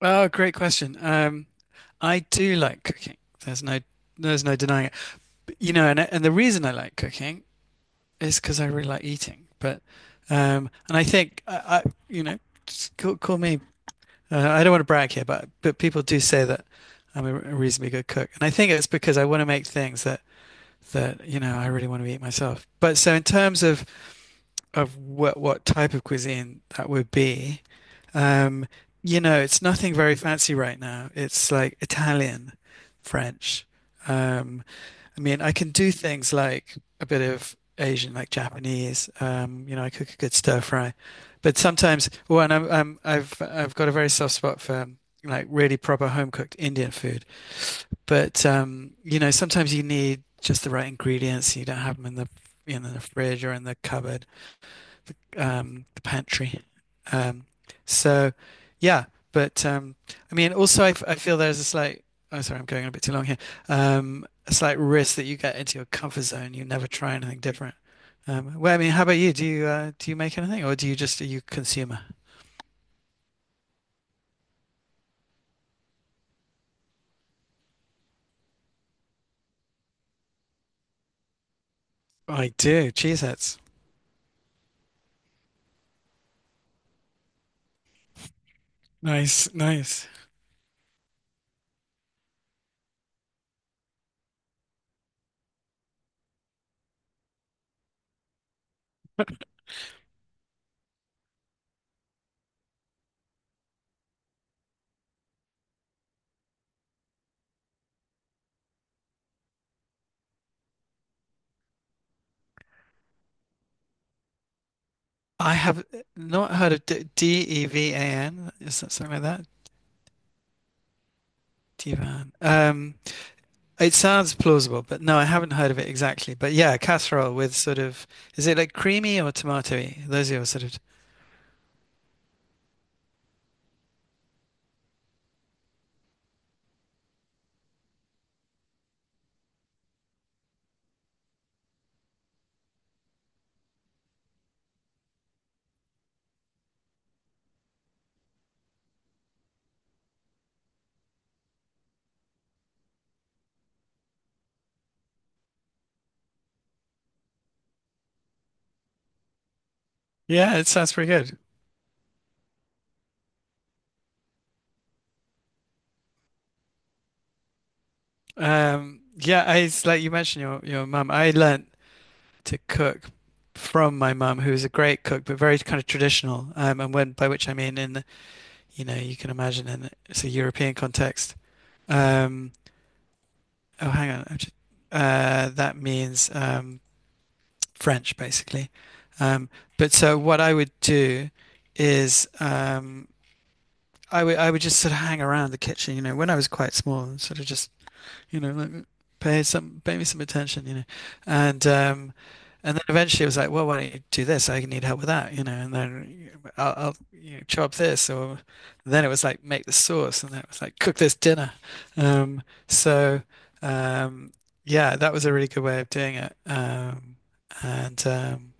Oh, great question. I do like cooking. There's no there's no denying it. But, and the reason I like cooking is because I really like eating. But and I think I just call me. I don't want to brag here, but people do say that I'm a reasonably good cook, and I think it's because I want to make things that I really want to eat myself. But so in terms of what type of cuisine that would be. Um, it's nothing very fancy right now. It's like Italian, French. Um, I mean, I can do things like a bit of Asian, like Japanese. I cook a good stir fry, but sometimes, well, and I've got a very soft spot for like really proper home cooked Indian food. But sometimes you need just the right ingredients. You don't have them in the fridge or in the cupboard, the pantry. Um, so yeah, but I mean, also I feel there's a slight. Oh, sorry, I'm going on a bit too long here. A slight risk that you get into your comfort zone. You never try anything different. Well, I mean, how about you? Do you make anything, or do you just are you a consumer? I do. Cheeseheads. Nice, nice. I have not heard of Devan. Is that something like that? Divan. It sounds plausible, but no, I haven't heard of it exactly. But yeah, casserole with sort of, is it like creamy or tomatoey? Those are your sort of, yeah, it sounds pretty good. Yeah, it's like you mentioned your mum. I learnt to cook from my mum, who was a great cook, but very kind of traditional. And when, by which I mean in the, you can imagine, in it's a European context. Um, oh, hang on. That means French, basically. Um, but so what I would do is I would just sort of hang around the kitchen, when I was quite small, and sort of just you know like, pay me some attention, and um, and then eventually it was like, well, why don't you do this? I need help with that, and then I'll chop this, or then it was like make the sauce, and then it was like cook this dinner. Um, so um, yeah, that was a really good way of doing it, and um,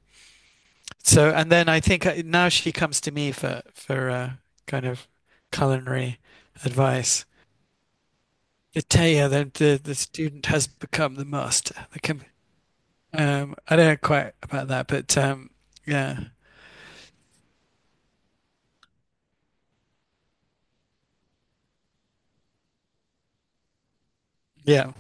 and then I think now she comes to me for kind of culinary advice. Italia, the student has become the master. The com I don't know quite about that, but yeah, yeah.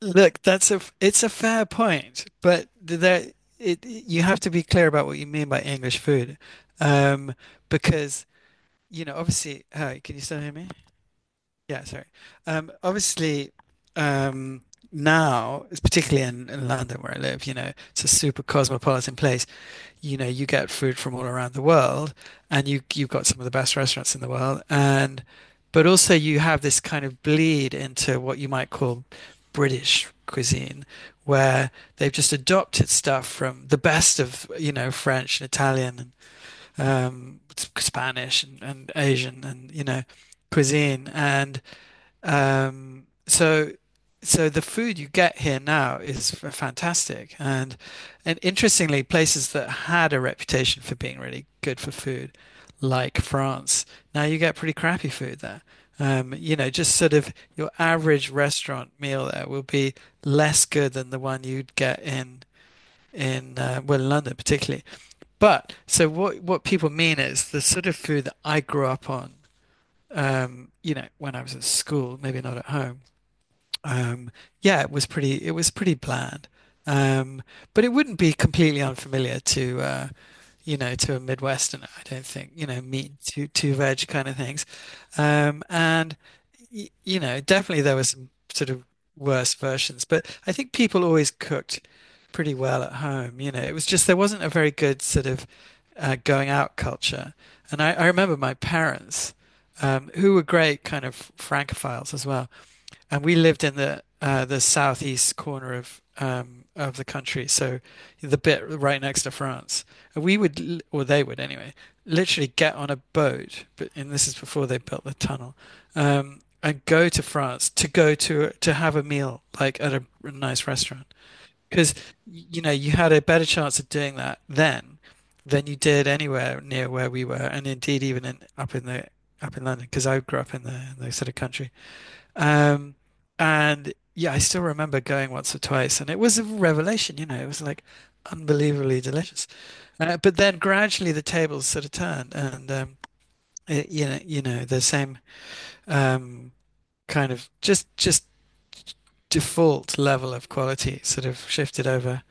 Look, that's a it's a fair point, but there it you have to be clear about what you mean by English food, um, because, obviously. Hi, can you still hear me? Yeah, sorry. Obviously, um, now, it's particularly in, London where I live. It's a super cosmopolitan place. You get food from all around the world, and you've got some of the best restaurants in the world, and but also you have this kind of bleed into what you might call British cuisine, where they've just adopted stuff from the best of, French and Italian and Spanish and Asian and, cuisine. And um, so, so the food you get here now is fantastic, and interestingly, places that had a reputation for being really good for food, like France, now you get pretty crappy food there. Just sort of your average restaurant meal there will be less good than the one you'd get in well, in London particularly. But so what people mean is the sort of food that I grew up on, when I was at school, maybe not at home, um, yeah, it was pretty bland. Um, but it wouldn't be completely unfamiliar to to a Midwesterner, I don't think, meat, two veg kind of things. And definitely there were some sort of worse versions, but I think people always cooked pretty well at home. It was just there wasn't a very good sort of going out culture. And I remember my parents, who were great kind of Francophiles as well, and we lived in the southeast corner of, of the country, so the bit right next to France. And we would, or they would anyway, literally get on a boat, but and this is before they built the tunnel, and go to France to go to have a meal like at a nice restaurant. Because you had a better chance of doing that then than you did anywhere near where we were, and indeed even in up in the up in London, because I grew up in the sort of country. Um, and yeah, I still remember going once or twice, and it was a revelation, it was like unbelievably delicious. But then gradually the tables sort of turned, and it, you know, the same um, kind of just default level of quality sort of shifted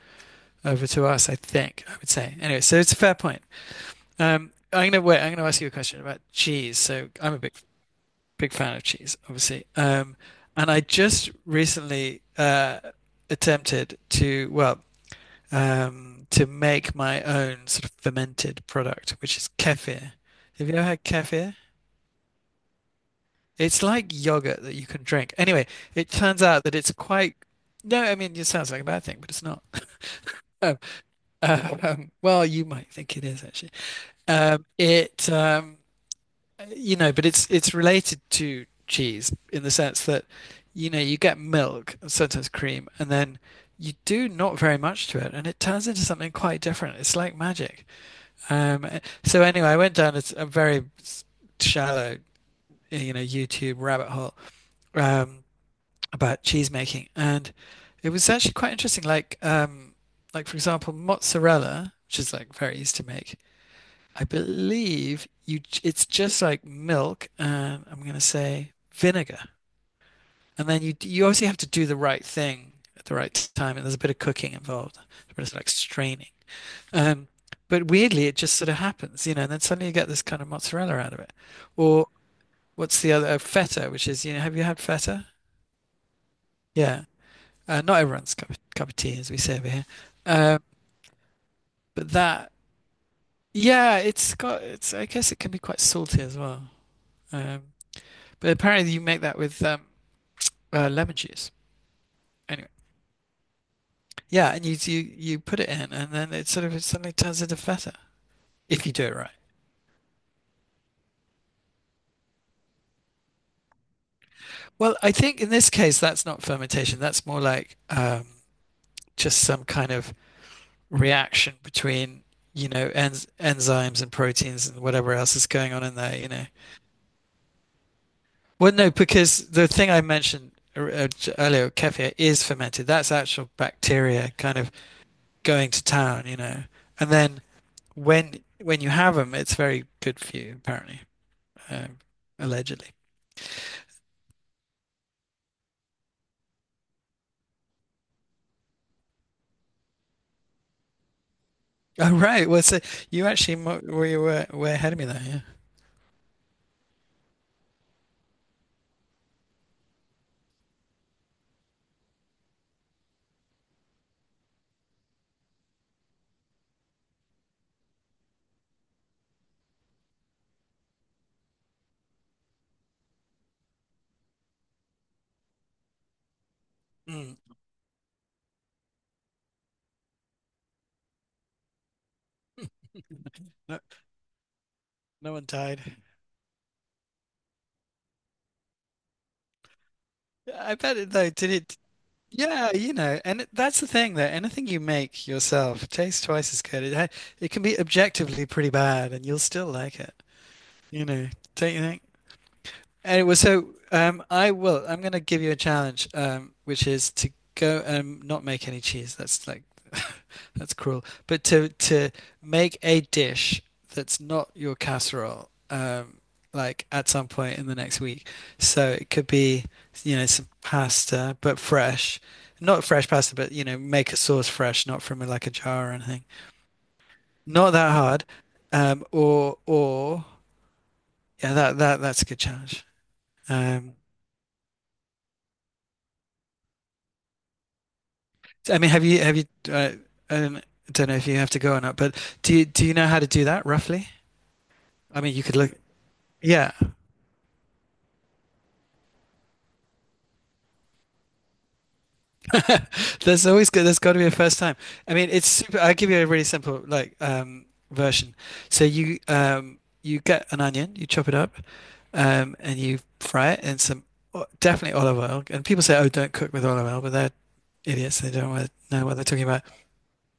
over to us, I think, I would say. Anyway, so it's a fair point. I'm gonna ask you a question about cheese. So I'm a big big fan of cheese, obviously. And I just recently attempted to, well, to make my own sort of fermented product, which is kefir. Have you ever had kefir? It's like yogurt that you can drink. Anyway, it turns out that it's quite, no, I mean, it sounds like a bad thing, but it's not. Um, well, you might think it is actually. Um, it um, but it's related to cheese in the sense that, you get milk and sometimes cream, and then you do not very much to it, and it turns into something quite different. It's like magic. Um, so anyway, I went down a very shallow, YouTube rabbit hole, um, about cheese making, and it was actually quite interesting. Like, like, for example, mozzarella, which is like very easy to make. I believe you. It's just like milk and I'm gonna say vinegar. And then you obviously have to do the right thing at the right time, and there's a bit of cooking involved. But it's like straining. Um but weirdly it just sort of happens, and then suddenly you get this kind of mozzarella out of it. Or what's the other, feta, which is, have you had feta? Yeah. Not everyone's cup of tea, as we say over here. Um but that yeah, it's I guess it can be quite salty as well. Um But apparently you make that with lemon juice. Anyway, yeah, and you put it in, and then it sort of it suddenly turns into feta if you do it right. Well, I think in this case that's not fermentation. That's more like just some kind of reaction between enzymes and proteins and whatever else is going on in there. Well, no, because the thing I mentioned er- er- earlier, kefir, is fermented. That's actual bacteria kind of going to town. And then when you have them, it's very good for you, apparently, um, allegedly. Oh, right. Well, so you were way ahead of me there. Yeah. Mm. No, no one died. I bet it though. Did it? Yeah, that's the thing though. Anything you make yourself tastes twice as good. It can be objectively pretty bad, and you'll still like it. You know, don't you think? Anyway, so I will. I'm going to give you a challenge, which is to go and not make any cheese. That's like that's cruel. But to make a dish that's not your casserole, like at some point in the next week. So it could be, some pasta, but fresh. Not fresh pasta, but make a sauce fresh, not from like a jar or anything. Not that hard. Or yeah, that's a good challenge. Um, I mean, have you have you uh, I don't know if you have to go or not, but do you know how to do that roughly? I mean, you could look. Yeah, there's always good. There's got to be a first time. I mean, it's super. I'll give you a really simple like version. So you you get an onion, you chop it up, and you fry it in some definitely olive oil. And people say, "Oh, don't cook with olive oil," but they're idiots. They don't wa- know what they're talking about.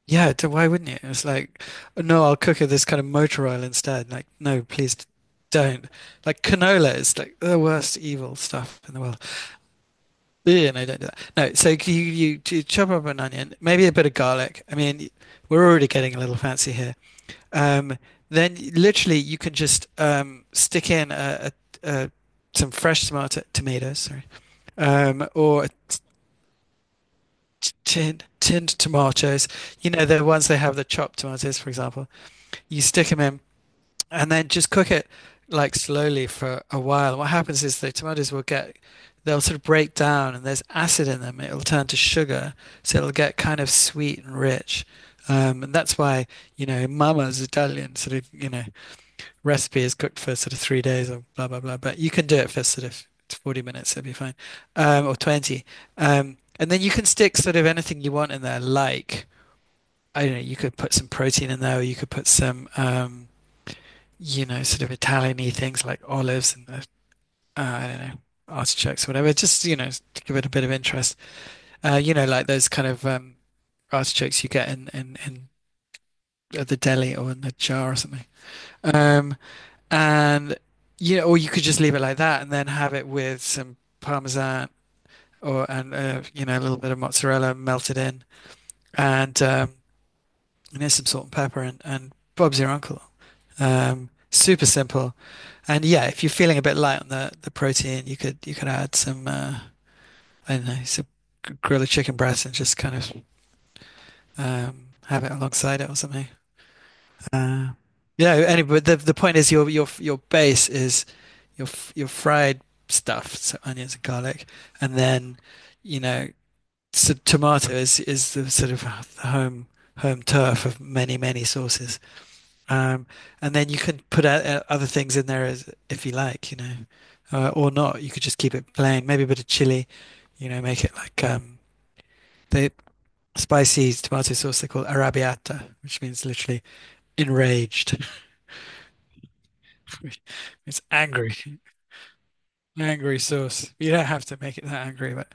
Yeah, why wouldn't you? It's like, no, I'll cook it this kind of motor oil instead. Like, no, please don't. Like canola is like the worst evil stuff in the world. Yeah, no, don't do that. No, so you do chop up an onion, maybe a bit of garlic. I mean, we're already getting a little fancy here. Um, then literally you can just stick in a some fresh tomatoes, sorry, or t- t- tin tinned tomatoes. You know, the ones they have the chopped tomatoes, for example. You stick them in and then just cook it like slowly for a while. What happens is the tomatoes will get, they'll sort of break down and there's acid in them. It'll turn to sugar. So it'll get kind of sweet and rich. And that's why, you know, Mama's Italian sort of, you know, recipe is cooked for sort of 3 days or blah, blah, blah. But you can do it for sort of 40 minutes, it'll be fine, or 20. And then you can stick sort of anything you want in there, like, I don't know, you could put some protein in there, or you could put some, you know, sort of Italian-y things like olives and I don't know, artichokes or whatever, just, you know, to give it a bit of interest. You know, like those kind of artichokes you get in at the deli or in a jar or something. Um, and you know, or you could just leave it like that and then have it with some Parmesan and, you know, a little bit of mozzarella melted in and, um, and there's some salt and pepper and Bob's your uncle. Super simple. And yeah, if you're feeling a bit light on the protein, you could add some I don't know, some grilled chicken breast and just kind of have it alongside it or something. Uh, yeah. Anyway, the point is your base is your your fried stuff, so onions and garlic, and then, you know, so tomato is the sort of the home turf of many sauces. Um, and then you can put out other things in there as if you like, you know, or not. You could just keep it plain. Maybe a bit of chili, you know, make it like the spicy tomato sauce they call arrabbiata, which means literally enraged. It's angry, angry sauce. You don't have to make it that angry, but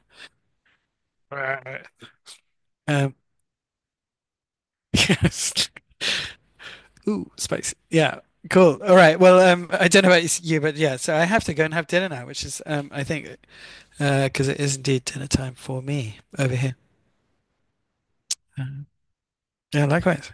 um, yes. Ooh, spicy. Yeah, cool. All right. Well, I don't know about you, but yeah. So I have to go and have dinner now, which is I think because it is indeed dinner time for me over here. Uh, yeah, likewise.